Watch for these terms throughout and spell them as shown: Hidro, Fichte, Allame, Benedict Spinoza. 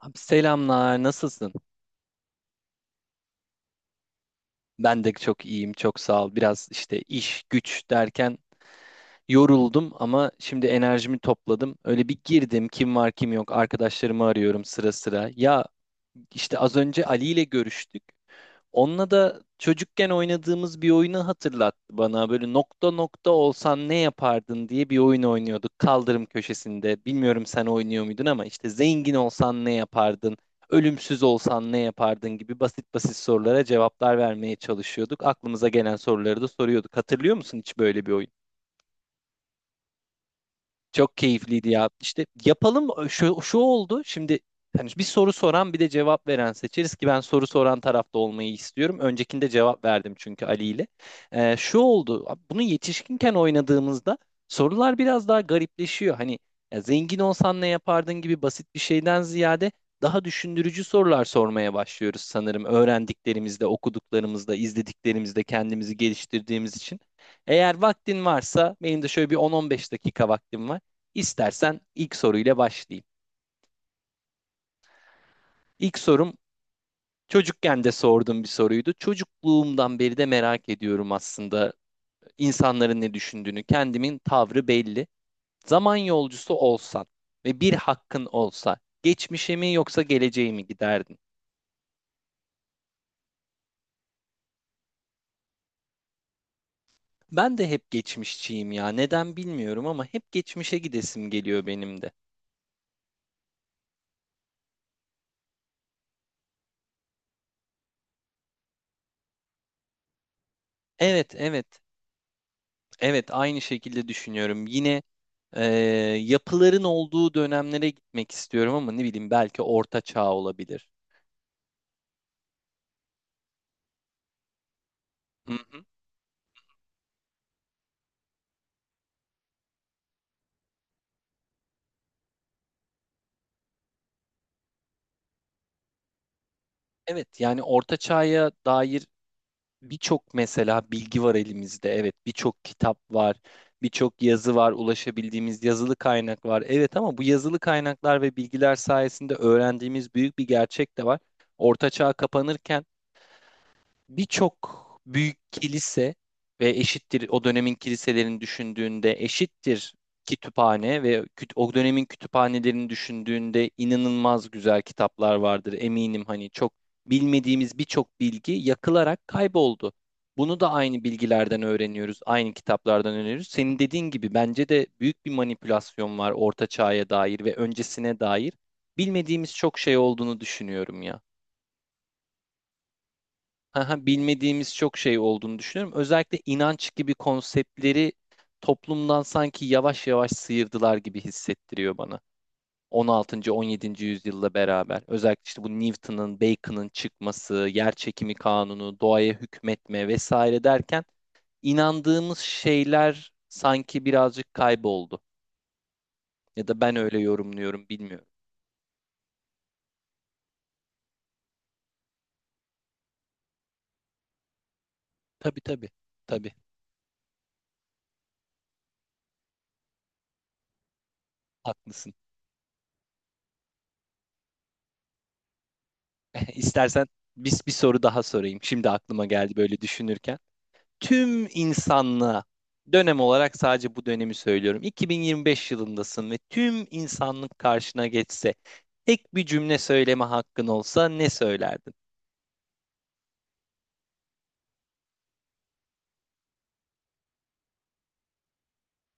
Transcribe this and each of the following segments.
Abi selamlar, nasılsın? Ben de çok iyiyim, çok sağ ol. Biraz işte iş, güç derken yoruldum ama şimdi enerjimi topladım. Öyle bir girdim, kim var kim yok, arkadaşlarımı arıyorum sıra sıra. Ya işte az önce Ali ile görüştük. Onunla da çocukken oynadığımız bir oyunu hatırlattı bana. Böyle nokta nokta olsan ne yapardın diye bir oyun oynuyorduk kaldırım köşesinde. Bilmiyorum sen oynuyor muydun ama işte zengin olsan ne yapardın? Ölümsüz olsan ne yapardın gibi basit basit sorulara cevaplar vermeye çalışıyorduk. Aklımıza gelen soruları da soruyorduk. Hatırlıyor musun hiç böyle bir oyun? Çok keyifliydi ya. İşte yapalım şu oldu. Şimdi hani bir soru soran bir de cevap veren seçeriz ki ben soru soran tarafta olmayı istiyorum. Öncekinde cevap verdim çünkü Ali ile. Şu oldu. Bunu yetişkinken oynadığımızda sorular biraz daha garipleşiyor. Hani ya zengin olsan ne yapardın gibi basit bir şeyden ziyade daha düşündürücü sorular sormaya başlıyoruz sanırım. Öğrendiklerimizde, okuduklarımızda, izlediklerimizde kendimizi geliştirdiğimiz için. Eğer vaktin varsa benim de şöyle bir 10-15 dakika vaktim var. İstersen ilk soruyla başlayayım. İlk sorum çocukken de sorduğum bir soruydu. Çocukluğumdan beri de merak ediyorum aslında insanların ne düşündüğünü. Kendimin tavrı belli. Zaman yolcusu olsan ve bir hakkın olsa geçmişe mi yoksa geleceğe mi giderdin? Ben de hep geçmişçiyim ya. Neden bilmiyorum ama hep geçmişe gidesim geliyor benim de. Evet, evet. Evet, aynı şekilde düşünüyorum. Yine e, yapıların olduğu dönemlere gitmek istiyorum ama ne bileyim belki Orta Çağ olabilir. Hı hı. Evet, yani Orta Çağ'a dair birçok mesela bilgi var elimizde. Evet, birçok kitap var, birçok yazı var, ulaşabildiğimiz yazılı kaynak var. Evet ama bu yazılı kaynaklar ve bilgiler sayesinde öğrendiğimiz büyük bir gerçek de var. Orta Çağ kapanırken birçok büyük kilise ve eşittir o dönemin kiliselerini düşündüğünde eşittir kütüphane ve o dönemin kütüphanelerini düşündüğünde inanılmaz güzel kitaplar vardır eminim, hani çok bilmediğimiz birçok bilgi yakılarak kayboldu. Bunu da aynı bilgilerden öğreniyoruz, aynı kitaplardan öğreniyoruz. Senin dediğin gibi bence de büyük bir manipülasyon var Orta Çağ'a dair ve öncesine dair. Bilmediğimiz çok şey olduğunu düşünüyorum ya, haha, bilmediğimiz çok şey olduğunu düşünüyorum. Özellikle inanç gibi konseptleri toplumdan sanki yavaş yavaş sıyırdılar gibi hissettiriyor bana. 16. 17. yüzyılla beraber özellikle işte bu Newton'ın, Bacon'ın çıkması, yer çekimi kanunu, doğaya hükmetme vesaire derken inandığımız şeyler sanki birazcık kayboldu. Ya da ben öyle yorumluyorum, bilmiyorum. Tabii tabii. Tabii, haklısın. İstersen biz bir soru daha sorayım. Şimdi aklıma geldi böyle düşünürken. Tüm insanlığa dönem olarak sadece bu dönemi söylüyorum. 2025 yılındasın ve tüm insanlık karşına geçse tek bir cümle söyleme hakkın olsa ne söylerdin?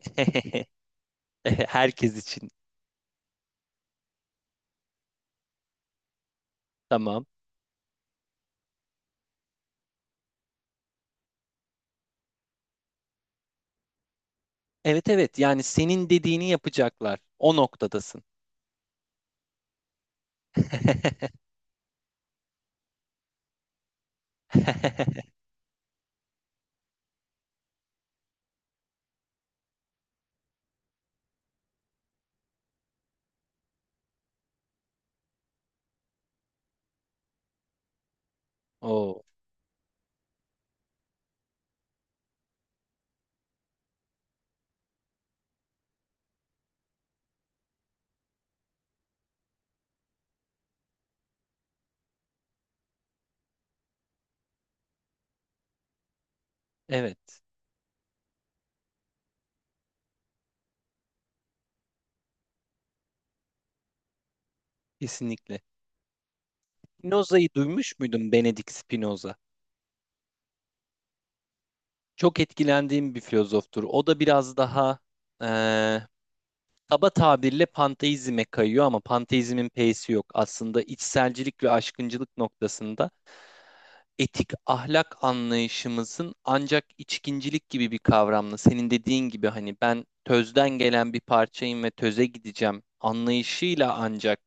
Herkes için. Tamam. Evet evet, yani senin dediğini yapacaklar. O noktadasın. Oo, evet, kesinlikle. Spinoza'yı duymuş muydun, Benedict Spinoza? Çok etkilendiğim bir filozoftur. O da biraz daha eee, kaba tabirle panteizme kayıyor ama panteizmin p'si yok. Aslında içselcilik ve aşkıncılık noktasında etik ahlak anlayışımızın ancak içkincilik gibi bir kavramla, senin dediğin gibi hani ben tözden gelen bir parçayım ve töze gideceğim anlayışıyla ancak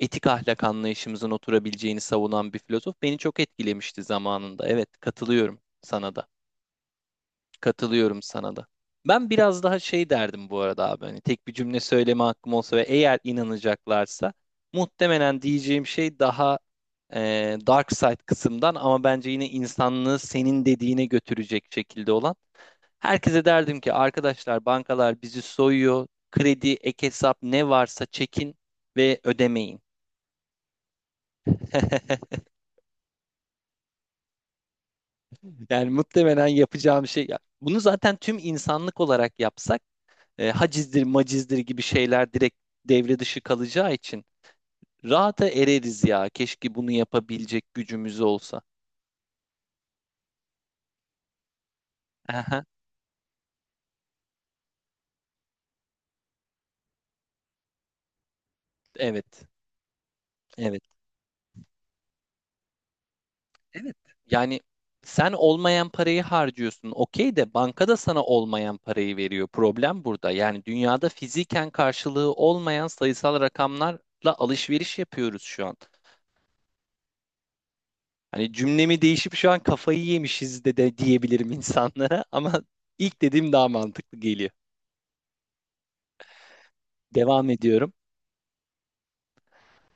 etik ahlak anlayışımızın oturabileceğini savunan bir filozof beni çok etkilemişti zamanında. Evet, katılıyorum sana da. Katılıyorum sana da. Ben biraz daha şey derdim bu arada abi. Hani tek bir cümle söyleme hakkım olsa ve eğer inanacaklarsa muhtemelen diyeceğim şey daha dark side kısımdan ama bence yine insanlığı senin dediğine götürecek şekilde olan. Herkese derdim ki arkadaşlar, bankalar bizi soyuyor. Kredi, ek hesap ne varsa çekin ve ödemeyin. Yani muhtemelen yapacağım şey. Bunu zaten tüm insanlık olarak yapsak hacizdir macizdir gibi şeyler direkt devre dışı kalacağı için rahata ereriz ya. Keşke bunu yapabilecek gücümüz olsa. Aha, evet, evet, evet. Yani sen olmayan parayı harcıyorsun. Okey de bankada sana olmayan parayı veriyor. Problem burada. Yani dünyada fiziken karşılığı olmayan sayısal rakamlarla alışveriş yapıyoruz şu an. Hani cümlemi değişip şu an kafayı yemişiz de diyebilirim insanlara ama ilk dediğim daha mantıklı geliyor. Devam ediyorum.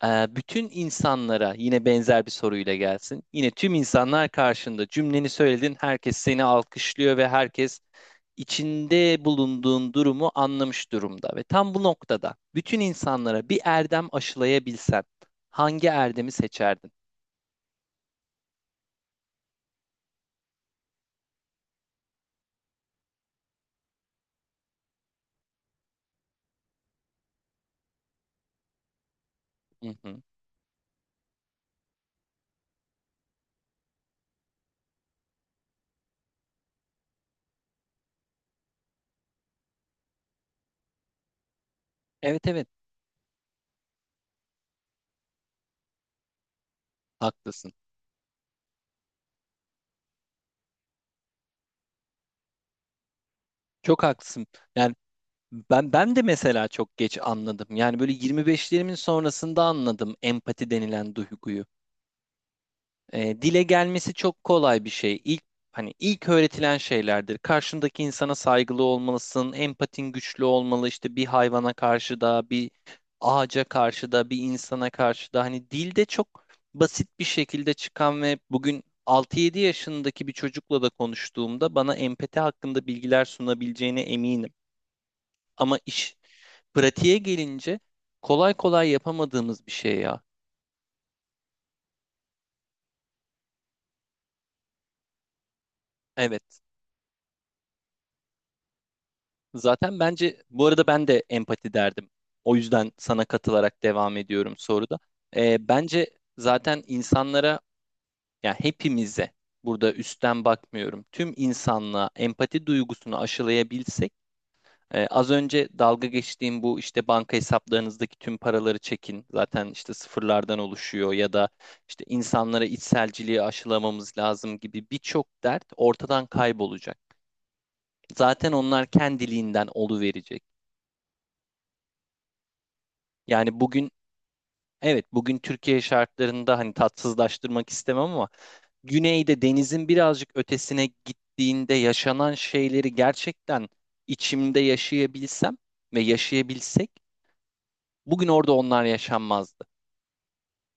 Bütün insanlara yine benzer bir soruyla gelsin. Yine tüm insanlar karşında cümleni söyledin, herkes seni alkışlıyor ve herkes içinde bulunduğun durumu anlamış durumda. Ve tam bu noktada bütün insanlara bir erdem aşılayabilsen hangi erdemi seçerdin? Hı hı. Evet evet, haklısın. Çok haklısın. Yani ben de mesela çok geç anladım. Yani böyle 25'lerimin sonrasında anladım empati denilen duyguyu. Dile gelmesi çok kolay bir şey. İlk, hani ilk öğretilen şeylerdir. Karşındaki insana saygılı olmalısın, empatin güçlü olmalı. İşte bir hayvana karşı da, bir ağaca karşı da, bir insana karşı da. Hani dilde çok basit bir şekilde çıkan ve bugün 6-7 yaşındaki bir çocukla da konuştuğumda bana empati hakkında bilgiler sunabileceğine eminim. Ama iş pratiğe gelince kolay kolay yapamadığımız bir şey ya. Evet. Zaten bence bu arada ben de empati derdim. O yüzden sana katılarak devam ediyorum soruda. Bence zaten insanlara, yani hepimize, burada üstten bakmıyorum. Tüm insanlığa empati duygusunu aşılayabilsek az önce dalga geçtiğim bu işte banka hesaplarınızdaki tüm paraları çekin. Zaten işte sıfırlardan oluşuyor ya da işte insanlara içselciliği aşılamamız lazım gibi birçok dert ortadan kaybolacak. Zaten onlar kendiliğinden oluverecek. Yani bugün, evet, bugün Türkiye şartlarında, hani tatsızlaştırmak istemem ama güneyde denizin birazcık ötesine gittiğinde yaşanan şeyleri gerçekten içimde yaşayabilsem ve yaşayabilsek bugün orada onlar yaşanmazdı.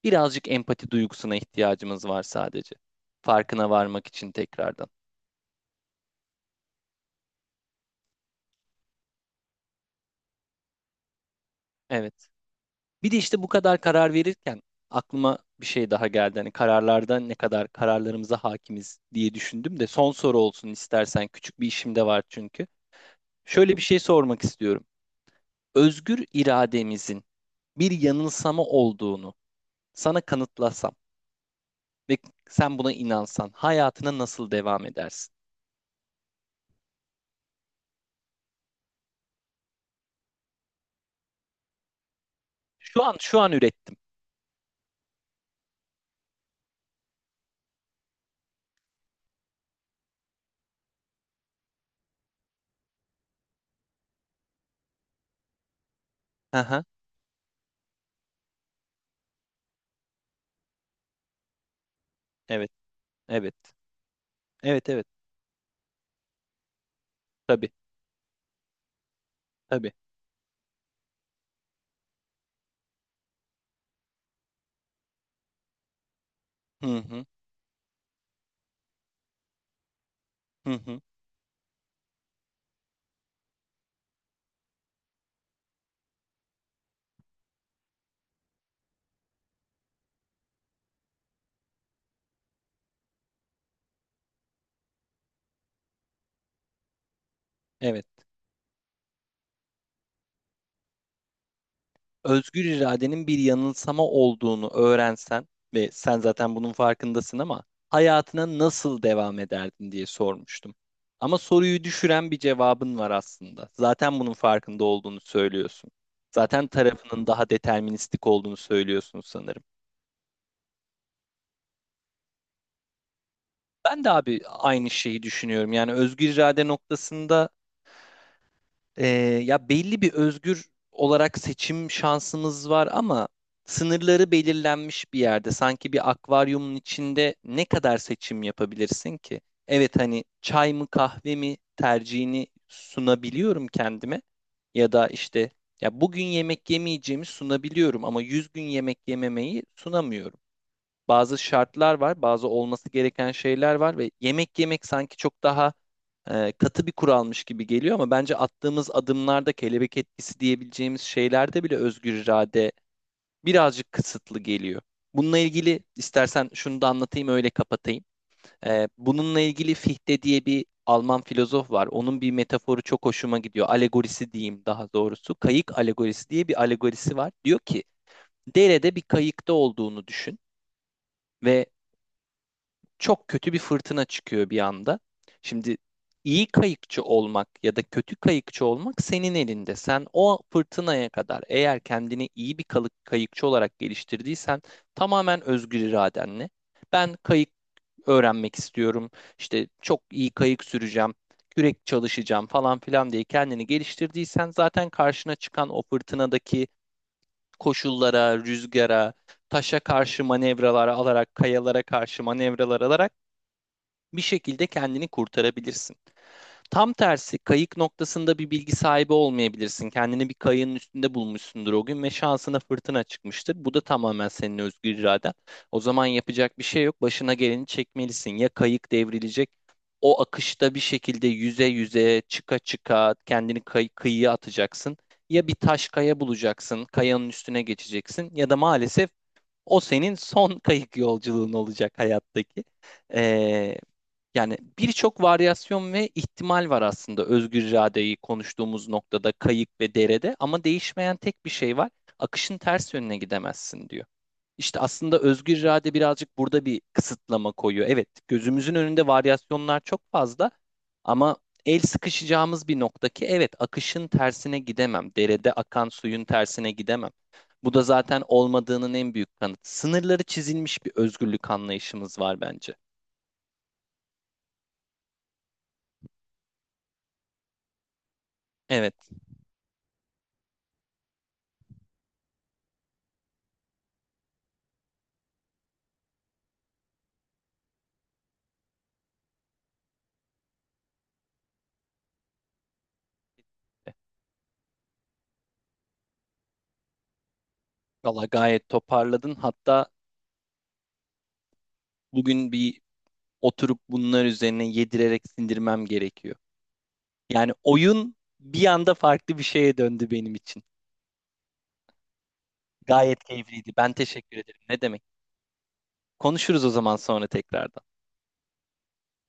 Birazcık empati duygusuna ihtiyacımız var sadece. Farkına varmak için tekrardan. Evet. Bir de işte bu kadar karar verirken aklıma bir şey daha geldi. Hani kararlarda ne kadar kararlarımıza hakimiz diye düşündüm de son soru olsun istersen. Küçük bir işim de var çünkü. Şöyle bir şey sormak istiyorum. Özgür irademizin bir yanılsama olduğunu sana kanıtlasam ve sen buna inansan hayatına nasıl devam edersin? Şu an ürettim. Hı hı. Evet. Evet. Evet evet. Tabii. Tabii. Hı hı. Hı hı. Evet. Özgür iradenin bir yanılsama olduğunu öğrensen ve sen zaten bunun farkındasın ama hayatına nasıl devam ederdin diye sormuştum. Ama soruyu düşüren bir cevabın var aslında. Zaten bunun farkında olduğunu söylüyorsun. Zaten tarafının daha deterministik olduğunu söylüyorsun sanırım. Ben de abi aynı şeyi düşünüyorum. Yani özgür irade noktasında Ee, ya belli bir özgür olarak seçim şansımız var ama sınırları belirlenmiş bir yerde. Sanki bir akvaryumun içinde ne kadar seçim yapabilirsin ki? Evet, hani çay mı kahve mi tercihini sunabiliyorum kendime ya da işte ya bugün yemek yemeyeceğimi sunabiliyorum ama 100 gün yemek yememeyi sunamıyorum, bazı şartlar var, bazı olması gereken şeyler var ve yemek yemek sanki çok daha katı bir kuralmış gibi geliyor ama bence attığımız adımlarda kelebek etkisi diyebileceğimiz şeylerde bile özgür irade birazcık kısıtlı geliyor. Bununla ilgili istersen şunu da anlatayım, öyle kapatayım. Bununla ilgili Fichte diye bir Alman filozof var. Onun bir metaforu çok hoşuma gidiyor. Alegorisi diyeyim daha doğrusu. Kayık alegorisi diye bir alegorisi var. Diyor ki derede bir kayıkta olduğunu düşün ve çok kötü bir fırtına çıkıyor bir anda. Şimdi iyi kayıkçı olmak ya da kötü kayıkçı olmak senin elinde. Sen o fırtınaya kadar eğer kendini iyi bir kayıkçı olarak geliştirdiysen tamamen özgür iradenle ben kayık öğrenmek istiyorum. İşte çok iyi kayık süreceğim, kürek çalışacağım falan filan diye kendini geliştirdiysen zaten karşına çıkan o fırtınadaki koşullara, rüzgara, taşa karşı manevralar alarak, kayalara karşı manevralar alarak bir şekilde kendini kurtarabilirsin. Tam tersi kayık noktasında bir bilgi sahibi olmayabilirsin. Kendini bir kayığın üstünde bulmuşsundur o gün ve şansına fırtına çıkmıştır. Bu da tamamen senin özgür iraden. O zaman yapacak bir şey yok. Başına geleni çekmelisin. Ya kayık devrilecek, o akışta bir şekilde yüze yüze çıka çıka kendini kıyıya atacaksın. Ya bir taş kaya bulacaksın, kayanın üstüne geçeceksin ya da maalesef o senin son kayık yolculuğun olacak hayattaki. Ee, Yani birçok varyasyon ve ihtimal var aslında özgür iradeyi konuştuğumuz noktada, kayık ve derede, ama değişmeyen tek bir şey var. Akışın ters yönüne gidemezsin diyor. İşte aslında özgür irade birazcık burada bir kısıtlama koyuyor. Evet, gözümüzün önünde varyasyonlar çok fazla ama el sıkışacağımız bir nokta ki evet, akışın tersine gidemem. Derede akan suyun tersine gidemem. Bu da zaten olmadığının en büyük kanıtı. Sınırları çizilmiş bir özgürlük anlayışımız var bence. Evet. Valla gayet toparladın. Hatta bugün bir oturup bunlar üzerine yedirerek sindirmem gerekiyor. Yani oyun bir anda farklı bir şeye döndü benim için. Gayet keyifliydi. Ben teşekkür ederim. Ne demek? Konuşuruz o zaman sonra tekrardan.